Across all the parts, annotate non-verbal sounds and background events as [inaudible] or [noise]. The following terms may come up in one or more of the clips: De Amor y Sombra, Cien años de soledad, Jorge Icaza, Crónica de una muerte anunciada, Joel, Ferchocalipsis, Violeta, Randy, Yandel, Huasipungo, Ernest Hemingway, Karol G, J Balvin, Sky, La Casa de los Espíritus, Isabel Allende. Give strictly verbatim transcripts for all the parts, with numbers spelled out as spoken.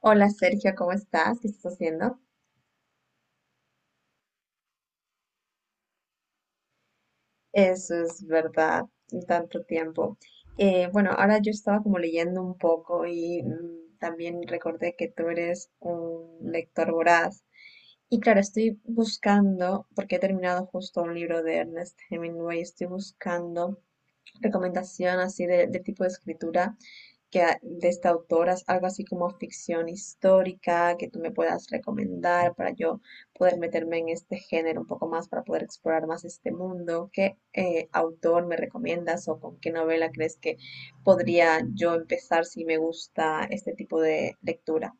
Hola Sergio, ¿cómo estás? ¿Qué estás haciendo? Eso es verdad, tanto tiempo. Eh, bueno, ahora yo estaba como leyendo un poco y mm, también recordé que tú eres un lector voraz. Y claro, estoy buscando, porque he terminado justo un libro de Ernest Hemingway, estoy buscando recomendación así de, de tipo de escritura que a- de esta autora, algo así como ficción histórica que tú me puedas recomendar para yo poder meterme en este género un poco más, ¿para poder explorar más este mundo? ¿Qué, eh, autor me recomiendas o con qué novela crees que podría yo empezar si me gusta este tipo de lectura?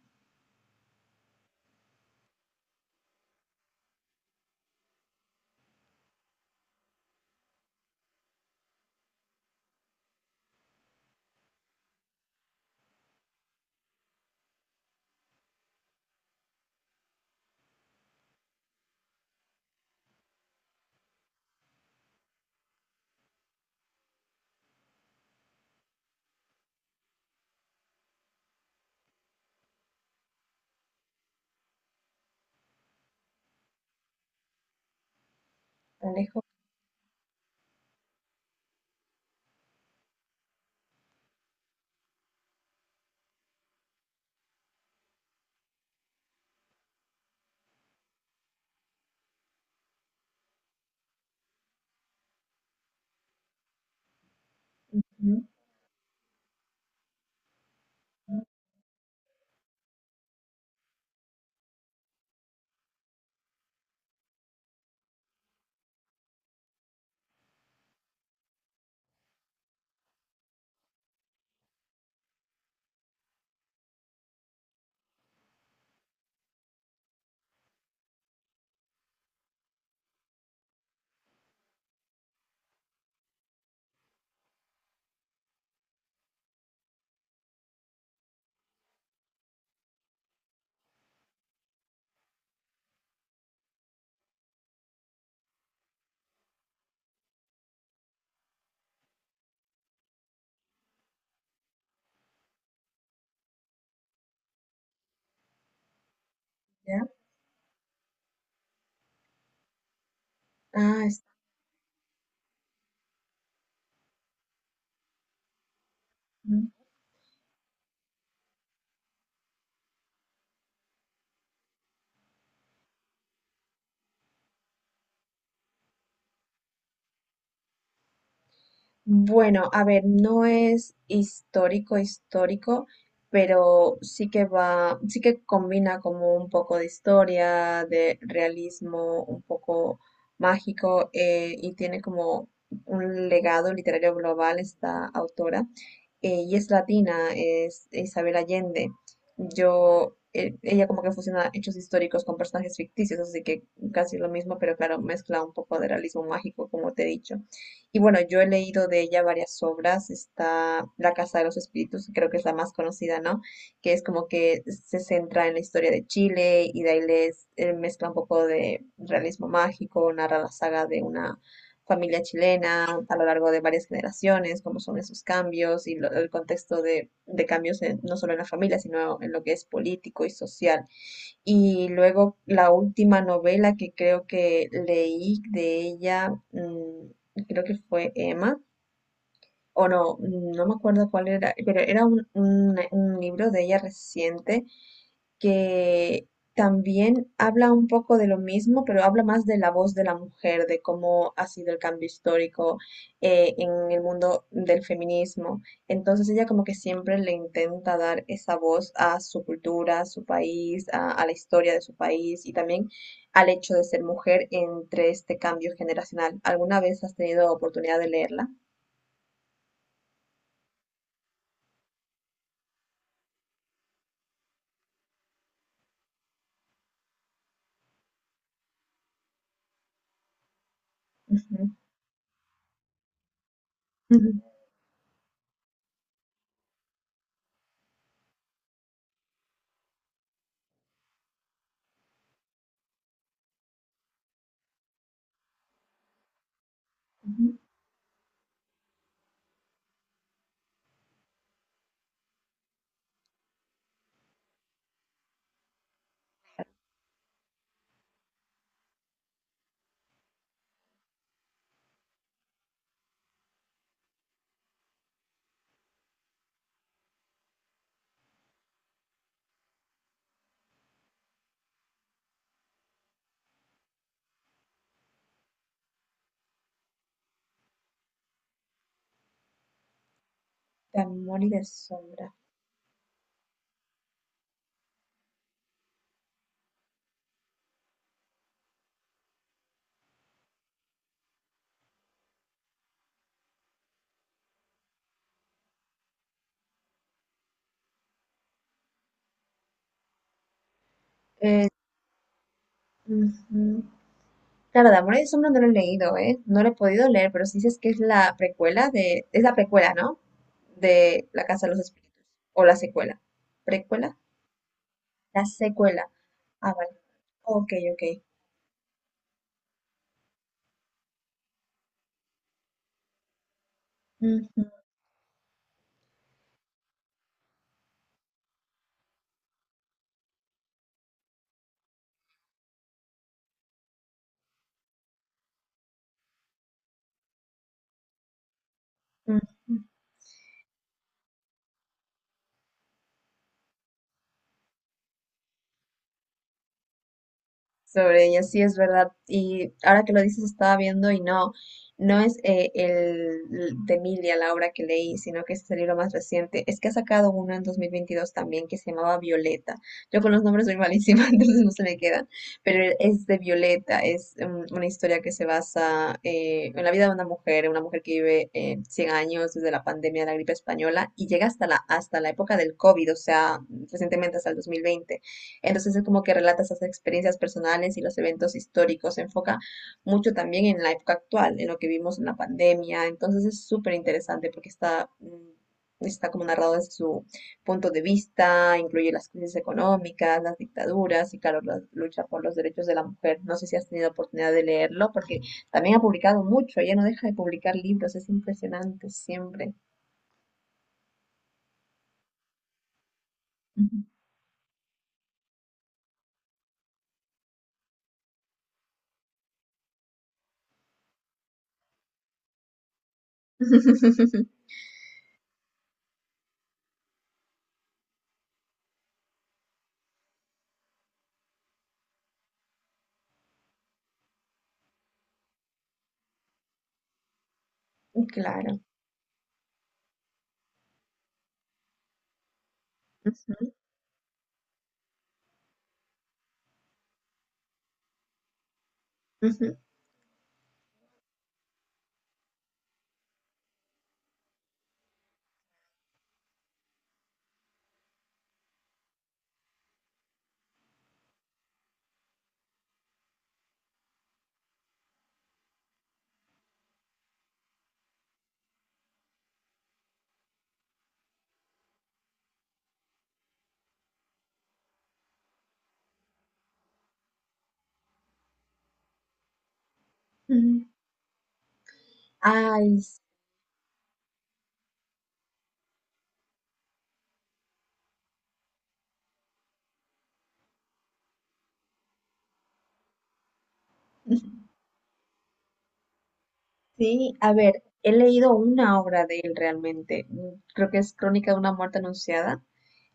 Alejo. Ujú. Ujú. Ya. Ah, está. Bueno, a ver, no es histórico, histórico, pero sí que va, sí que combina como un poco de historia, de realismo, un poco mágico, eh, y tiene como un legado literario global esta autora. Eh, y es latina, es Isabel Allende. Yo, eh, ella como que fusiona hechos históricos con personajes ficticios, así que casi lo mismo, pero claro, mezcla un poco de realismo mágico, como te he dicho. Y bueno, yo he leído de ella varias obras. Está La Casa de los Espíritus, que creo que es la más conocida, ¿no? Que es como que se centra en la historia de Chile y de ahí les eh, mezcla un poco de realismo mágico, narra la saga de una familia chilena a lo largo de varias generaciones, cómo son esos cambios y lo- el contexto de, de cambios en- no solo en la familia, sino en lo que es político y social. Y luego la última novela que creo que leí de ella, mm, creo que fue Emma, o no, no me acuerdo cuál era, pero era un, un- un libro de ella reciente que también habla un poco de lo mismo, pero habla más de la voz de la mujer, de cómo ha sido el cambio histórico eh, en el mundo del feminismo. Entonces ella como que siempre le intenta dar esa voz a su cultura, a su país, a, a la historia de su país y también al hecho de ser mujer entre este cambio generacional. ¿Alguna vez has tenido oportunidad de leerla? Ujú. Ujú. Ujú. De amor y de sombra. Eh, ujú. Claro, de Amor y Sombras no lo he leído, ¿eh? No lo he podido leer, pero si dices que es la precuela de... Es la precuela, ¿no? De La Casa de los Espíritus. O la secuela. ¿Precuela? La secuela. Ah, vale. Ok, ok. Ujú, ujú, sobre ella, sí es verdad. Y ahora que lo dices, estaba viendo y no, no es, eh, el de Emilia, la obra que leí, sino que es el libro más reciente. Es que ha sacado uno en dos mil veintidós también que se llamaba Violeta. Yo con los nombres soy malísima, [laughs] entonces no se me quedan, pero es de Violeta, es, mm, una historia que se basa eh, en la vida de una mujer, una mujer que vive, eh, cien años desde la pandemia de la gripe española y llega hasta la, hasta la época del COVID, o sea, recientemente hasta el dos mil veinte. Entonces es como que relata esas experiencias personales y los eventos históricos. Se enfoca mucho también en la época actual, en lo que vimos en la pandemia. Entonces es súper interesante porque está, mm, está como narrado desde su punto de vista, incluye las crisis económicas, las dictaduras y claro, la lucha por los derechos de la mujer. No sé si has tenido oportunidad de leerlo porque también ha publicado mucho. Ella no deja de publicar libros. Es impresionante siempre. Ujú. [laughs] Claro. Ujú, ujú, ujú. Ay. Sí, a ver, he leído una obra de él realmente. mm, Creo que es Crónica de una muerte anunciada.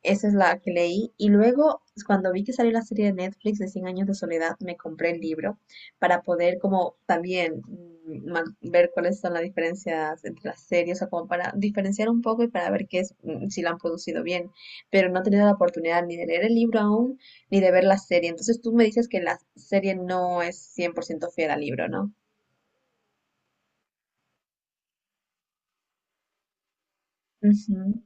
Esa es la que leí. Y luego, cuando vi que salió la serie de Netflix de Cien años de soledad, me compré el libro para poder como también, mm, ma- ver cuáles son las diferencias entre las series, o sea, como para diferenciar un poco y para ver qué es, mm, si la han producido bien. Pero no he tenido la oportunidad ni de leer el libro aún, ni de ver la serie. Entonces tú me dices que la serie no es cien por ciento fiel al libro, ¿no? Ujú.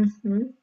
Ujú. [laughs]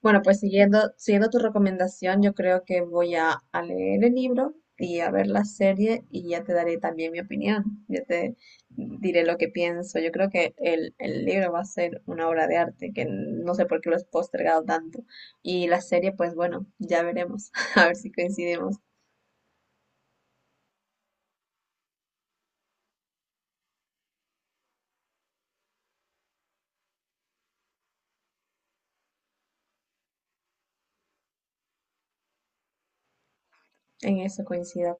Bueno, pues siguiendo, siguiendo tu recomendación, yo creo que voy a, a leer el libro y a ver la serie y ya te daré también mi opinión, ya te diré lo que pienso. Yo creo que el, el libro va a ser una obra de arte, que no sé por qué lo has postergado tanto. Y la serie, pues bueno, ya veremos, [laughs] a ver si coincidimos en eso, coincido.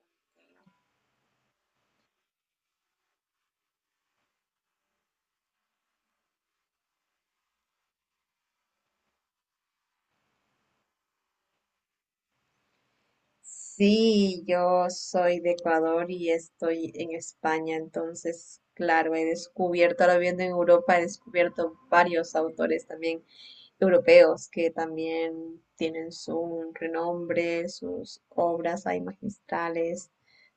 Sí, yo soy de Ecuador y estoy en España, entonces, claro, he descubierto, ahora viviendo en Europa, he descubierto varios autores también europeos que también tienen su renombre, sus obras hay magistrales.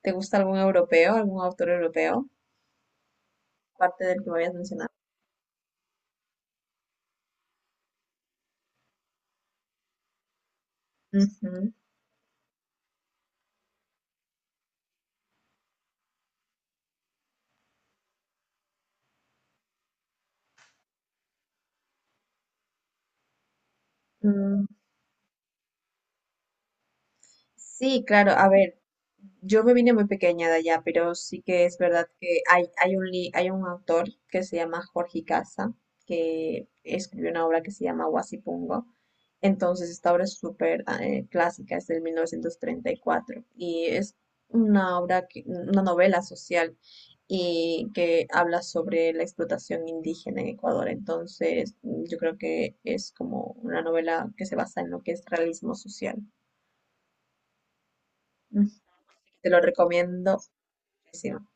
¿Te gusta algún europeo, algún autor europeo, aparte del que me habías mencionado? Ujú. Mm. Sí, claro, a ver, yo me vine muy pequeña de allá, pero sí que es verdad que hay, hay un, li- hay un autor que se llama Jorge Icaza, que escribió una obra que se llama Huasipungo. Entonces, esta obra es súper, eh, clásica, es del mil novecientos treinta y cuatro y es una obra, que- una novela social y que habla sobre la explotación indígena en Ecuador. Entonces, yo creo que es como una novela que se basa en lo que es realismo social. Te lo recomiendo muchísimo.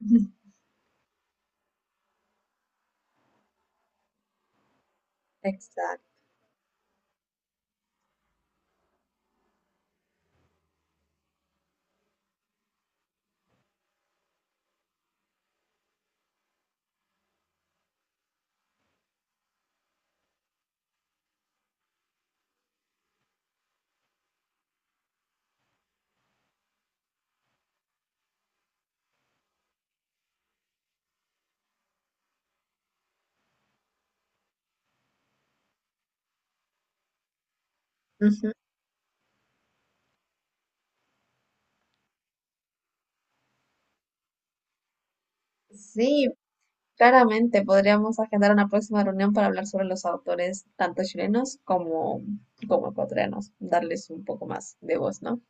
Ujú. Exacto. Ujú. Sí, claramente podríamos agendar una próxima reunión para hablar sobre los autores, tanto chilenos como, como ecuatorianos, darles un poco más de voz, ¿no?